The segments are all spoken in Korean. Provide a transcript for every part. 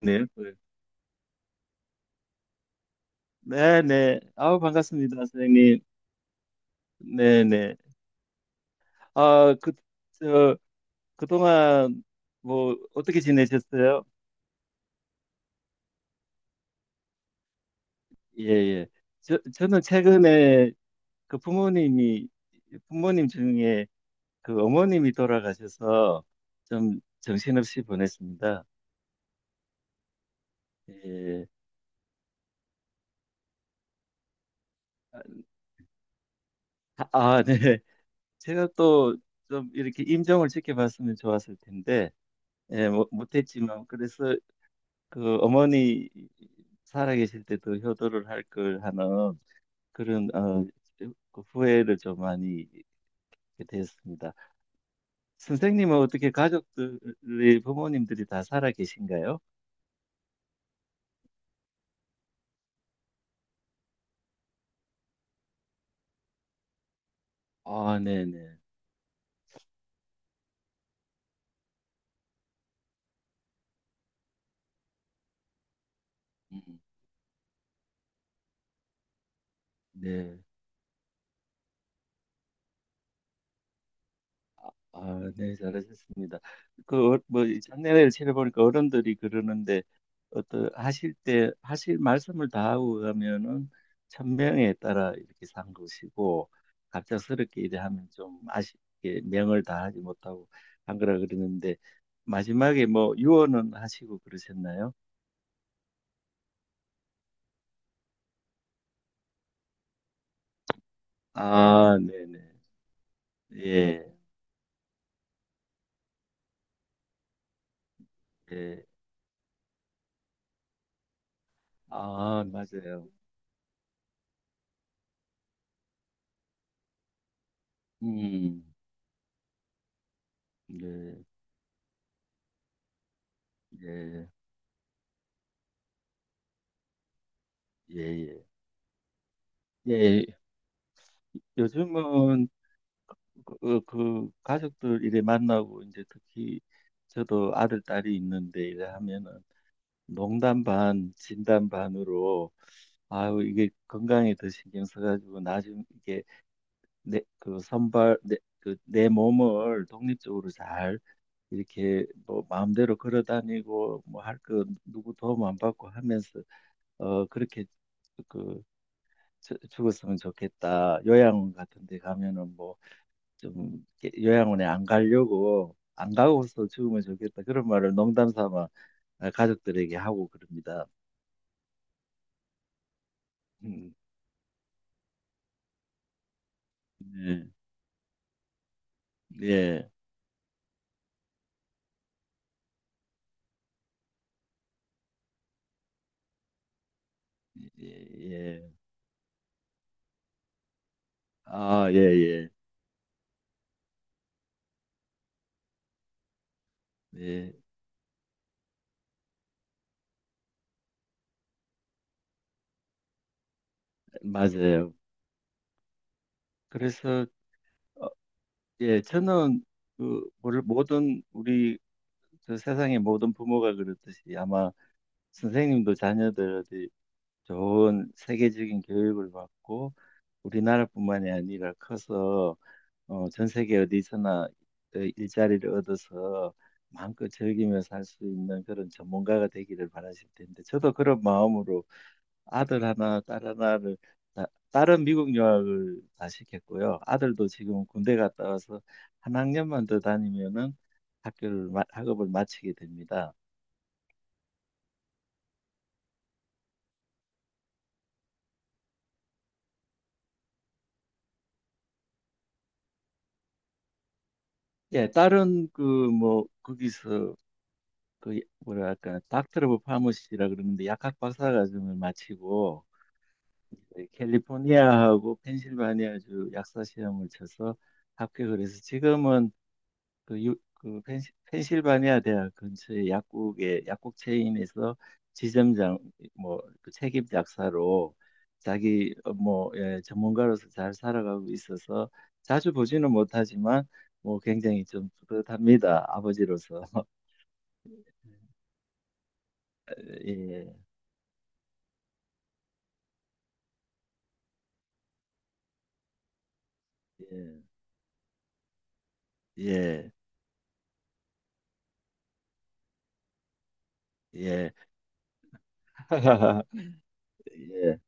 네. 네. 네네. 아우, 반갑습니다, 선생님. 네네. 아, 그, 저, 그동안 뭐, 어떻게 지내셨어요? 예, 예. 저는 최근에 그 부모님이, 부모님 중에 그 어머님이 돌아가셔서 좀 정신없이 보냈습니다. 예. 아, 네. 제가 또 좀 이렇게 임종을 지켜봤으면 좋았을 텐데, 예, 뭐, 못했지만, 그래서 그 어머니 살아계실 때도 효도를 할 걸 하는 그런 그 후회를 좀 많이 됐습니다. 선생님은 어떻게 가족들이 부모님들이 다 살아계신가요? 아, 네네. 음, 네. 아, 네, 잘하셨습니다. 그, 뭐, 장례를 치러보니까 어른들이 그러는데, 어떤, 하실 때, 하실 말씀을 다 하고 가면은, 천명에 따라 이렇게 산 것이고, 갑작스럽게 이래 하면 좀 아쉽게 명을 다 하지 못하고 한 거라 그러는데, 마지막에 뭐, 유언은 하시고 그러셨나요? 아, 네네. 예, 예. 아, 맞아요. 음, 네, 예, 예, 예. 예, 요즘은 그, 그 가족들 이래 만나고 이제 특히 저도 아들 딸이 있는데 이래 하면은 농담 반 진담 반으로, 아유 이게 건강에 더 신경 써가지고 나중 이게 내 그 선발 내 그 내 몸을 독립적으로 잘 이렇게 뭐 마음대로 걸어 다니고 뭐 할 거 누구 도움 안 받고 하면서 어 그렇게 그 죽었으면 좋겠다, 요양원 같은 데 가면은 뭐 좀 요양원에 안 가려고 안 가고서 죽으면 좋겠다, 그런 말을 농담 삼아 가족들에게 하고 그럽니다. 음, 네, 예, 예, 예. 아, 예, 예, 예, 맞아요. 그래서 어, 예, 저는 그 모든 우리 저 세상의 모든 부모가 그렇듯이 아마 선생님도 자녀들이 좋은 세계적인 교육을 받고 우리나라뿐만이 아니라 커서 전 세계 어디서나 그 일자리를 얻어서 마음껏 즐기며 살 수 있는 그런 전문가가 되기를 바라실 텐데, 저도 그런 마음으로 아들 하나, 딸 하나를, 다- 딸은 미국 유학을 다 시켰고요. 아들도 지금 군대 갔다 와서 한 학년만 더 다니면은 학교를, 학업을 마치게 됩니다. 예, 딸은 그 뭐, 거기서 그 뭐랄까, 닥터 오브 파머시라 그러는데, 약학 박사 과정을 마치고, 네, 캘리포니아하고 펜실바니아주 약사 시험을 쳐서 합격을 해서 지금은 그, 유, 그 펜실바니아 대학 근처의 약국에, 약국 체인에서 지점장 뭐그 책임 약사로 자기 뭐 예, 전문가로서 잘 살아가고 있어서 자주 보지는 못하지만 뭐 굉장히 좀 뿌듯합니다. 아버지로서. 예, 예, 예, 예. 예.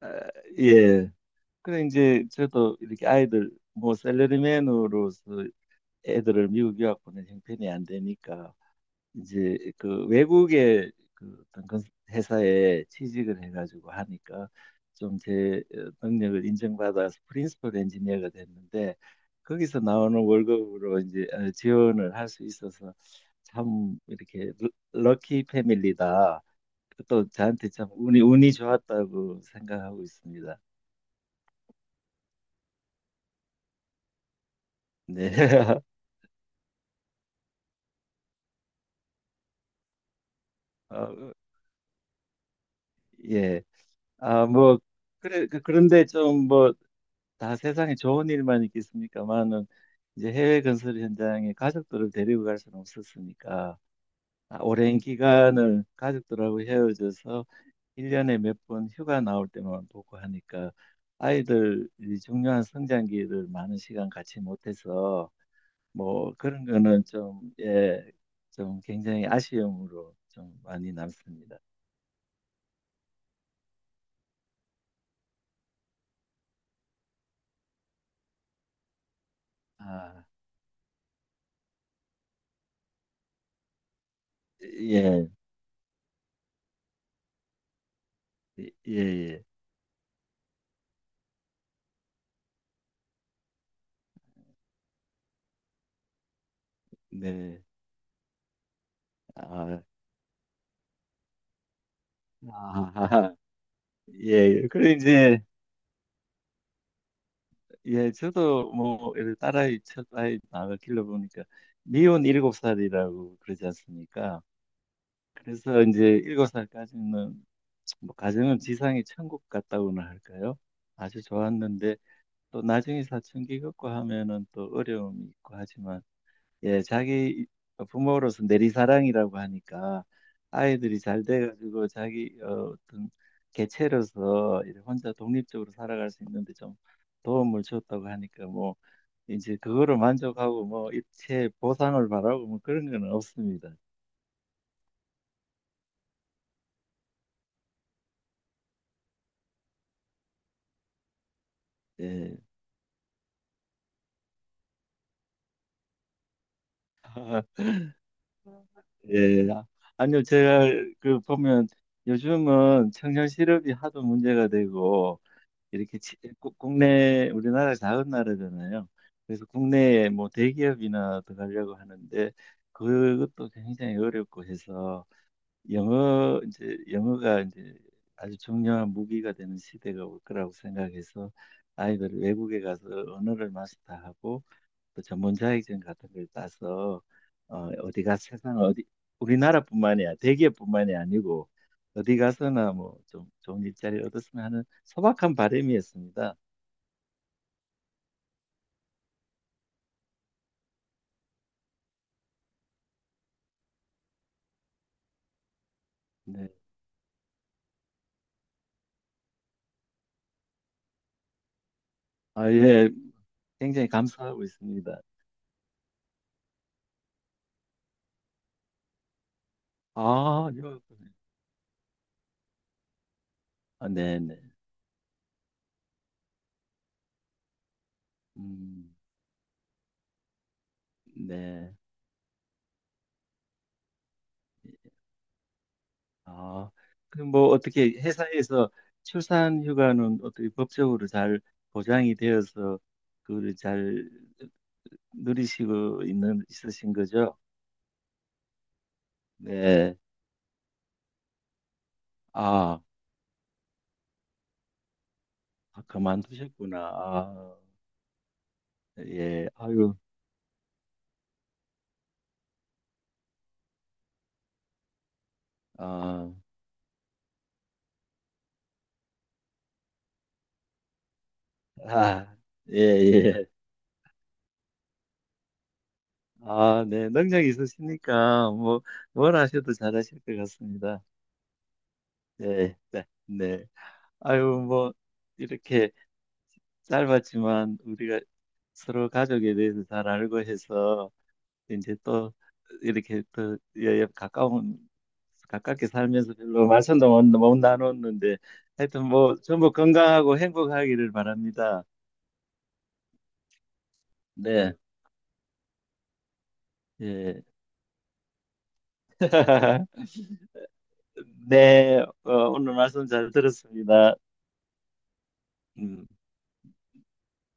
아, 예. 그래 이제 저도 이렇게, 아이들 뭐, 셀러리맨으로서 애들을 미국 유학 보낸 형편이 안 되니까 이제 그 외국의 그 어떤 회사에 취직을 해가지고 하니까 좀 제 능력을 인정받아서 프린시플 엔지니어가 됐는데, 거기서 나오는 월급으로 이제 지원을 할 수 있어서, 참 이렇게 럭키 패밀리다. 또 저한테 참 운이 좋았다고 생각하고 있습니다. 네. 어, 예. 아, 뭐, 그래, 그런데 좀 뭐, 다 세상에 좋은 일만 있겠습니까만은, 이제 해외 건설 현장에 가족들을 데리고 갈 수는 없었으니까, 아, 오랜 기간을 가족들하고 헤어져서 1년에 몇 번 휴가 나올 때만 보고 하니까, 아이들이 중요한 성장기를 많은 시간 같이 못해서, 뭐, 그런 거는 좀, 예, 좀 굉장히 아쉬움으로 좀 많이 남습니다. 아, 예. 예, 예. 네. 아, 아, 예. 그래, 이제, 예, 저도 뭐, 이렇게 딸아이, 첫아이 아가 길러보니까, 미혼 일곱 살이라고 그러지 않습니까? 그래서 이제 일곱 살까지는, 뭐, 가정은 지상의 천국 같다고나 할까요? 아주 좋았는데, 또 나중에 사춘기 겪고 하면은 또 어려움이 있고 하지만, 예, 자기 부모로서 내리사랑이라고 하니까, 아이들이 잘 돼가지고 자기 어떤 개체로서 이렇게 혼자 독립적으로 살아갈 수 있는데 좀 도움을 줬다고 하니까, 뭐 이제 그거로 만족하고 뭐 일체 보상을 바라고 뭐 그런 건 없습니다. 예. 아, 예. 아, 아니요, 제가 그 보면 요즘은 청년 실업이 하도 문제가 되고, 이렇게 국내 우리나라 작은 나라잖아요. 그래서 국내에 뭐 대기업이나 들어가려고 하는데 그것도 굉장히 어렵고 해서, 영어 이제 영어가 이제 아주 중요한 무기가 되는 시대가 올 거라고 생각해서, 아이들 외국에 가서 언어를 마스터하고 또 전문 자격증 같은 걸 따서 어, 어디 가서 세상 어디 우리나라뿐만이야 대기업뿐만이 아니고 어디 가서나 뭐 좀 좋은 일자리 얻었으면 하는 소박한 바람이었습니다. 네. 아, 예. 굉장히 감사하고 있습니다. 아, 아, 네, 네. 음, 네. 아, 그럼 뭐 어떻게, 회사에서 출산 휴가는 어떻게 법적으로 잘 보장이 되어서 그걸 잘 누리시고 있는 있으신 거죠? 네. 아, 아, 그만두셨구나. 아, 예. 아유, 아, 아, 예, 예. 아, 네. 능력이 있으시니까, 뭐, 뭘 하셔도 잘하실 것 같습니다. 네, 네, 네. 아유, 뭐, 이렇게 짧았지만, 우리가 서로 가족에 대해서 잘 알고 해서, 이제 또 이렇게 또 예, 예, 가까운 가깝게 살면서 별로 말씀도 못, 못 나눴는데 하여튼 뭐 전부 건강하고 행복하기를 바랍니다. 네, 예. 네, 어, 오늘 말씀 잘 들었습니다. 음.